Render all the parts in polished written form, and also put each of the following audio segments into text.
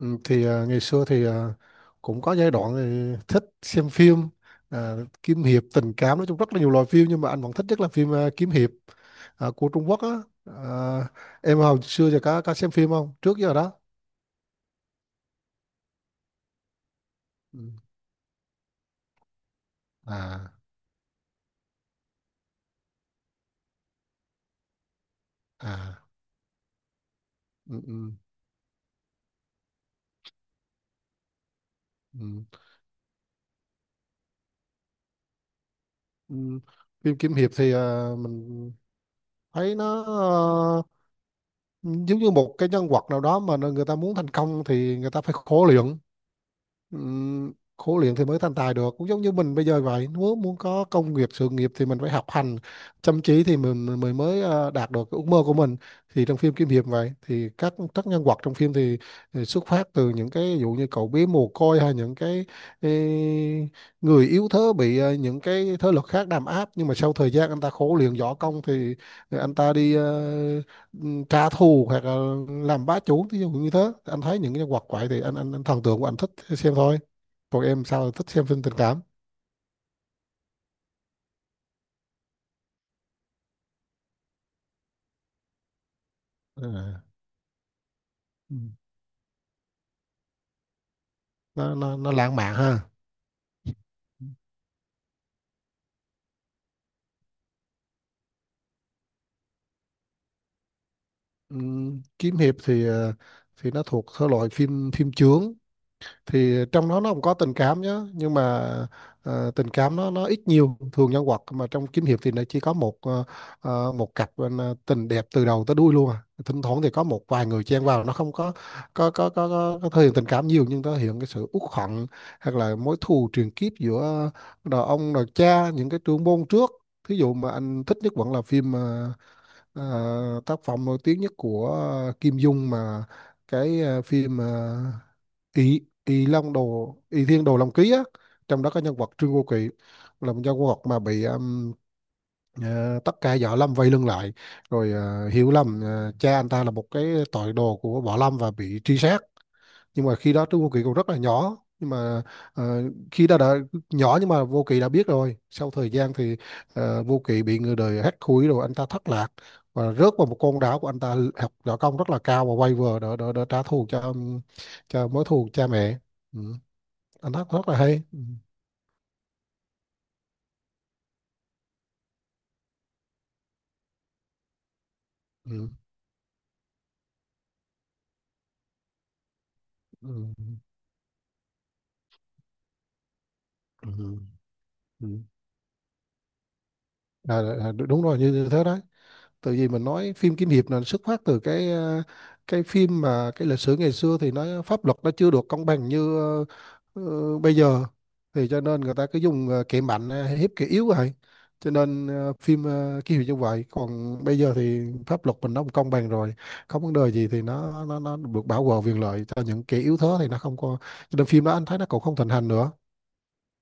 Ừ, thì ngày xưa thì cũng có giai đoạn thì thích xem phim à, kiếm hiệp tình cảm. Nói chung rất là nhiều loại phim nhưng mà anh vẫn thích nhất là phim kiếm hiệp của Trung Quốc á. à, em hồi xưa giờ có xem phim không, trước giờ đó? Ừ. À. À. Ừ, ừ, ừ, ừ. Phim kiếm hiệp thì mình thấy nó à, giống như một cái nhân vật nào đó mà người ta muốn thành công thì người ta phải khổ luyện. Khổ luyện thì mới thành tài được, cũng giống như mình bây giờ vậy, nếu muốn có công việc sự nghiệp thì mình phải học hành chăm chỉ thì mình mới mới, ờ, đạt được cái ước mơ của mình. Thì trong phim kiếm hiệp vậy thì các nhân vật trong phim thì xuất phát từ những cái ví dụ như cậu bé mồ côi, hay những cái ê, người yếu thế bị những cái thế lực khác đàn áp, nhưng mà sau thời gian anh ta khổ luyện võ công thì anh ta đi trả thù hoặc là làm bá chủ, thí dụ như thế. Anh thấy những cái nhân vật vậy thì anh thần tượng của anh thích xem thôi. Còn em sao thích xem phim tình cảm? À. Ừ. nó lãng mạn ha. Ừ. Kiếm hiệp thì thì nó thuộc thể loại phim phim chướng. Thì trong đó nó cũng có tình cảm nhá, nhưng mà tình cảm nó ít nhiều, thường nhân vật mà trong kiếm hiệp thì nó chỉ có một cặp, tình đẹp từ đầu tới đuôi luôn. À, thỉnh thoảng thì có một vài người chen vào, nó không có thể hiện tình cảm nhiều, nhưng nó hiện cái sự uất hận, hoặc là mối thù truyền kiếp giữa đời ông, đời cha, những cái trưởng môn trước. Thí dụ mà anh thích nhất vẫn là phim, tác phẩm nổi tiếng nhất của Kim Dung, mà cái phim ý ý long đồ ý thiên đồ long ký á. Trong đó có nhân vật Trương Vô Kỵ, là một nhân vật mà bị tất cả võ lâm vây lưng lại, rồi hiểu lầm cha anh ta là một cái tội đồ của võ lâm và bị truy sát. Nhưng mà khi đó Trúc Vô Kỵ còn rất là nhỏ, nhưng mà ờ, khi đó đã nhỏ nhưng mà Vô Kỵ đã biết rồi. Sau thời gian thì Vô Kỵ bị người đời hắt hủi, rồi anh ta thất lạc và rớt vào một con đảo, của anh ta học võ công rất là cao và quay về để trả thù cho mối thù cha mẹ. Ừ. Anh thắc rất là hay. Ừ. Ừ. Ừ. Ừ. Ừ. À, đúng rồi, như thế đó. Từ vì mình nói phim kiếm hiệp là xuất phát từ cái cái phim, mà cái lịch sử ngày xưa thì nó pháp luật nó chưa được công bằng như bây giờ. Thì cho nên người ta cứ dùng kẻ mạnh hiếp kẻ yếu vậy. Cho nên phim kiếm hiệp như vậy. Còn bây giờ thì pháp luật mình nó cũng công bằng rồi, không vấn đề gì thì nó được bảo vệ quyền lợi cho những kẻ yếu thế, thì nó không có. Cho nên phim đó anh thấy nó cũng không thịnh hành nữa.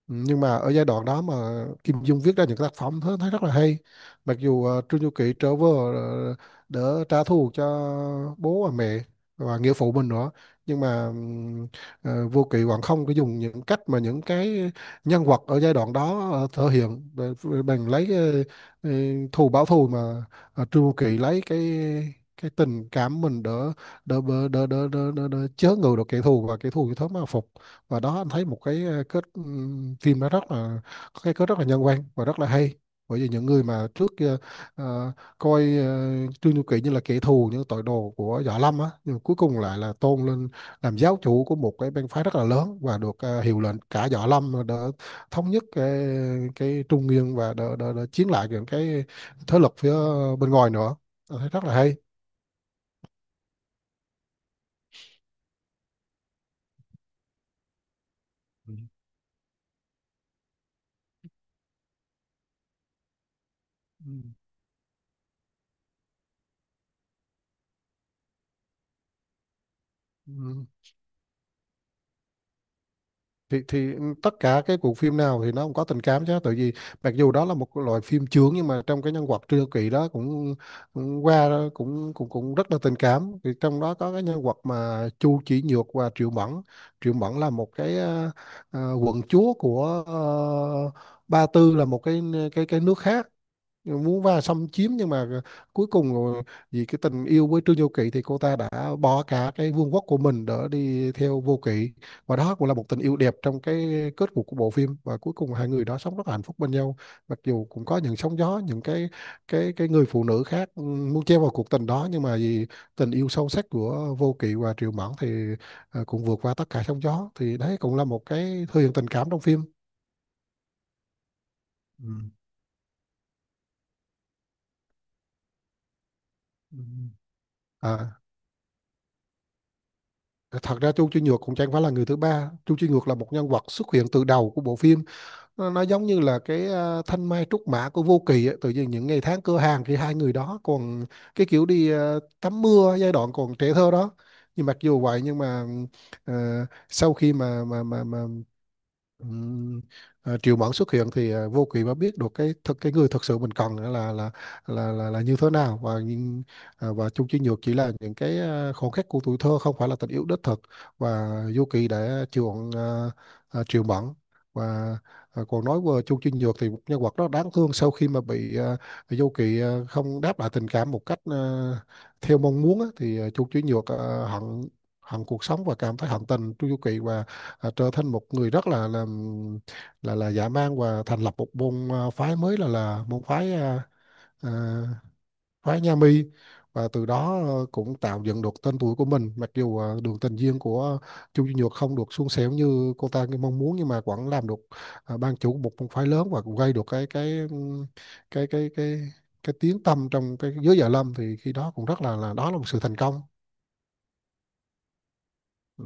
Ừ, nhưng mà ở giai đoạn đó mà Kim Dung viết ra những cái tác phẩm thấy rất là hay. Mặc dù Trương Du Kỵ trở về, ờ, để trả thù cho bố và mẹ và nghĩa phụ mình nữa, nhưng mà Vô Kỵ vẫn không có dùng những cách mà những cái nhân vật ở giai đoạn đó thể hiện, bằng bằng lấy ờ, thù báo thù, mà Trương Du Kỵ lấy cái tình cảm mình đỡ đỡ đỡ đỡ đỡ, đỡ, đỡ chớ ngự được kẻ thù, và kẻ thù thì thớm mà phục. Và đó anh thấy một cái kết phim đó rất là có cái kết rất là nhân văn và rất là hay. Bởi vì những người mà trước kia ờ, coi Trương Du Kỳ như là kẻ thù, những tội đồ của Võ Lâm á, nhưng mà cuối cùng lại là tôn lên làm giáo chủ của một cái bang phái rất là lớn, và được hiệu lệnh cả Võ Lâm, mà thống nhất cái Trung Nguyên, và đỡ, đỡ, đỡ chiến lại những cái thế lực phía bên ngoài nữa. Anh thấy rất là hay. Ừ. Ừ. Ừ. Thì tất cả cái bộ phim nào thì nó cũng có tình cảm chứ, tại vì mặc dù đó là một loại phim chướng nhưng mà trong cái nhân vật Trương Kỳ đó cũng qua đó cũng cũng cũng rất là tình cảm. Thì trong đó có cái nhân vật mà Chu Chỉ Nhược và Triệu Mẫn. Triệu Mẫn là một cái quận chúa của Ba Tư, là một cái nước khác muốn vào xâm chiếm. Nhưng mà cuối cùng rồi, vì cái tình yêu với Trương Vô Kỵ thì cô ta đã bỏ cả cái vương quốc của mình để đi theo Vô Kỵ. Và đó cũng là một tình yêu đẹp trong cái kết cục của bộ phim, và cuối cùng hai người đó sống rất là hạnh phúc bên nhau. Mặc dù cũng có những sóng gió, những cái người phụ nữ khác muốn chen vào cuộc tình đó, nhưng mà vì tình yêu sâu sắc của Vô Kỵ và Triệu Mẫn thì cũng vượt qua tất cả sóng gió. Thì đấy cũng là một cái thể hiện tình cảm trong phim. Ừ. Ừ. à Thật ra Chu Chi Nhược cũng chẳng phải là người thứ ba. Chu Chi Nhược là một nhân vật xuất hiện từ đầu của bộ phim. Nó giống như là cái thanh mai trúc mã của Vô Kỳ ấy. Tự nhiên những ngày tháng cửa hàng thì hai người đó còn cái kiểu đi tắm mưa giai đoạn còn trẻ thơ đó. Nhưng mặc dù vậy, nhưng mà ờ, sau khi mà Ừm, triệu mẫn xuất hiện thì vô kỵ mới biết được cái thực, cái người thật sự mình cần là như thế nào. Và nhưng và Chung Chi Nhược chỉ là những cái khoảnh khắc của tuổi thơ, không phải là tình yêu đích thực. Và vô kỵ đã chuộng triệu mẫn. Và còn nói về Chung Chi Nhược thì một nhân vật rất đáng thương. Sau khi mà bị vô kỵ không đáp lại tình cảm một cách theo mong muốn á, thì Chung Chi Nhược hận, hận cuộc sống và cảm thấy hận tình Chu Du Kỵ, và trở thành một người rất là dã man, và thành lập một môn phái mới, là môn phái à, phái Nha Mi. Và từ đó cũng tạo dựng được tên tuổi của mình. Mặc dù đường tình duyên của Chu Duy Nhược không được suôn sẻ như cô ta mong muốn, nhưng mà vẫn làm được ban chủ của một môn phái lớn, và cũng gây được cái cái cái cái tiếng tăm trong cái giới Dạ Lâm. Thì khi đó cũng rất là, đó là một sự thành công. Ừ.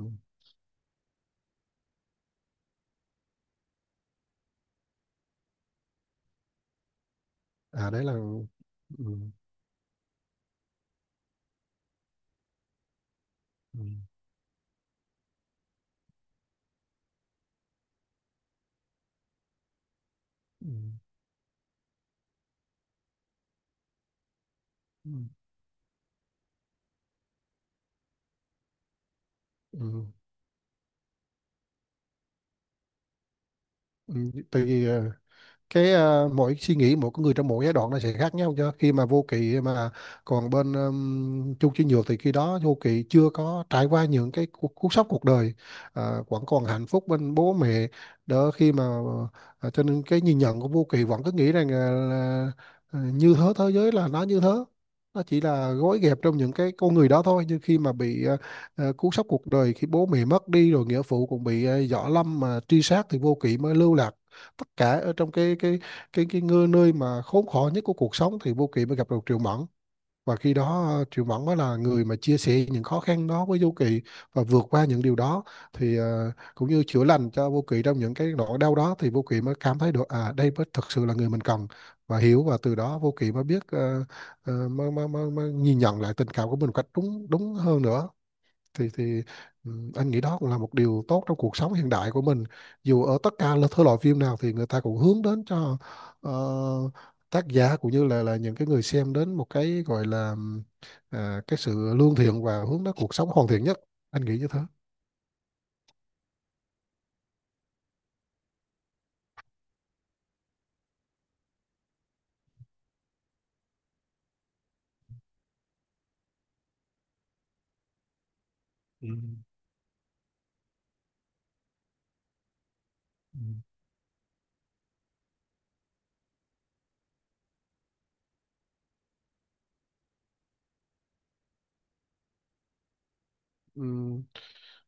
À, đấy là. Ừ. Ừ. Ừ. Ừ. Ừ. Ừ. Ừ, tại vì cái mỗi suy nghĩ, mỗi con người trong mỗi giai đoạn nó sẽ khác nhau chứ. Khi mà vô kỵ mà còn bên Chung Chí Nhược thì khi đó vô kỵ chưa có trải qua những cái cú sốc cuộc đời. Ờ, vẫn còn hạnh phúc bên bố mẹ khi mà cho nên cái nhìn nhận của vô kỵ vẫn cứ nghĩ rằng là như thế, thế giới là nó như thế. Nó chỉ là gói ghẹp trong những cái con người đó thôi, nhưng khi mà bị cú sốc cuộc đời, khi bố mẹ mất đi rồi nghĩa phụ cũng bị võ lâm mà truy sát, thì vô kỵ mới lưu lại tất cả ở trong cái nơi mà khốn khổ nhất của cuộc sống. Thì Vô Kỵ mới gặp được Triệu Mẫn, và khi đó Triệu Mẫn mới là người mà chia sẻ những khó khăn đó với Vô Kỵ và vượt qua những điều đó. Thì cũng như chữa lành cho Vô Kỵ trong những cái nỗi đau đó, thì Vô Kỵ mới cảm thấy được, à đây mới thực sự là người mình cần và hiểu. Và từ đó Vô Kỵ mới biết mới nhìn nhận lại tình cảm của mình một cách đúng đúng hơn nữa. Thì anh nghĩ đó cũng là một điều tốt trong cuộc sống hiện đại của mình. Dù ở tất cả là thể loại phim nào thì người ta cũng hướng đến cho ờ, tác giả cũng như là những cái người xem đến một cái gọi là cái sự lương thiện và hướng đến cuộc sống hoàn thiện nhất. Anh nghĩ như thế. Ừ. Ừ. Ừ.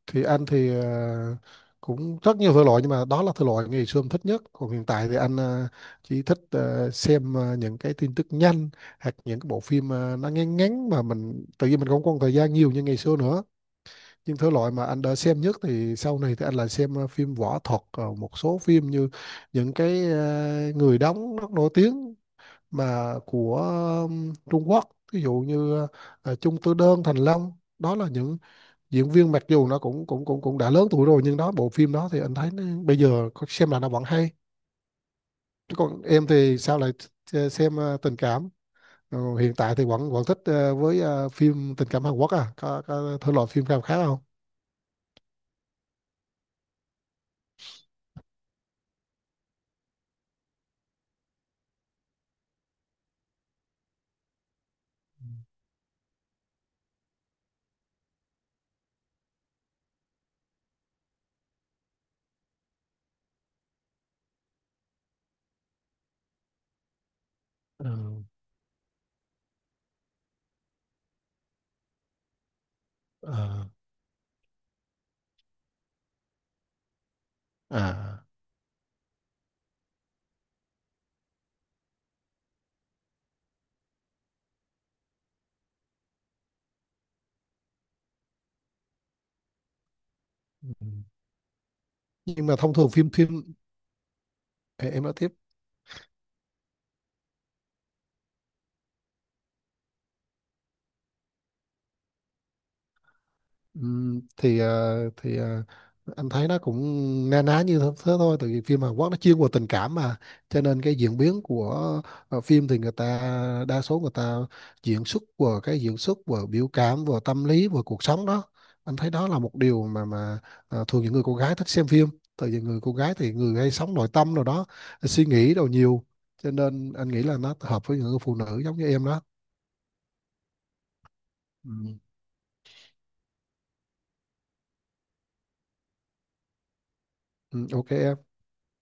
Thì anh thì cũng rất nhiều thể loại, nhưng mà đó là thể loại ngày xưa em thích nhất. Còn hiện tại thì anh chỉ thích xem những cái tin tức nhanh, hoặc những cái bộ phim nó ngắn ngắn, mà mình tự nhiên mình không còn thời gian nhiều như ngày xưa nữa. Nhưng thể loại mà anh đã xem nhất thì sau này thì anh lại xem phim võ thuật, một số phim như những cái người đóng rất nổi tiếng mà của Trung Quốc, ví dụ như Chung Tư Đơn, Thành Long. Đó là những diễn viên mặc dù nó cũng cũng cũng cũng đã lớn tuổi rồi, nhưng đó bộ phim đó thì anh thấy nó, bây giờ xem là nó vẫn hay. Chứ còn em thì sao lại xem tình cảm? Ờ, hiện tại thì vẫn vẫn thích với phim tình cảm Hàn Quốc à, có thể loại phim nào khác không? Ừ. Ờ. À. Ừ. Nhưng mà thông thường phim phim Ê, em nói tiếp. Thì anh thấy nó cũng na ná như thế thế thôi. Tại vì phim Hàn Quốc nó chuyên vào tình cảm, mà cho nên cái diễn biến của phim thì người ta, đa số người ta diễn xuất vào cái diễn xuất vào biểu cảm, vào tâm lý, vào cuộc sống đó. Anh thấy đó là một điều mà thường những người cô gái thích xem phim, tại vì người cô gái thì người hay sống nội tâm rồi đó, suy nghĩ đồ nhiều. Cho nên anh nghĩ là nó hợp với những người phụ nữ giống như em đó. Ừm, ok em.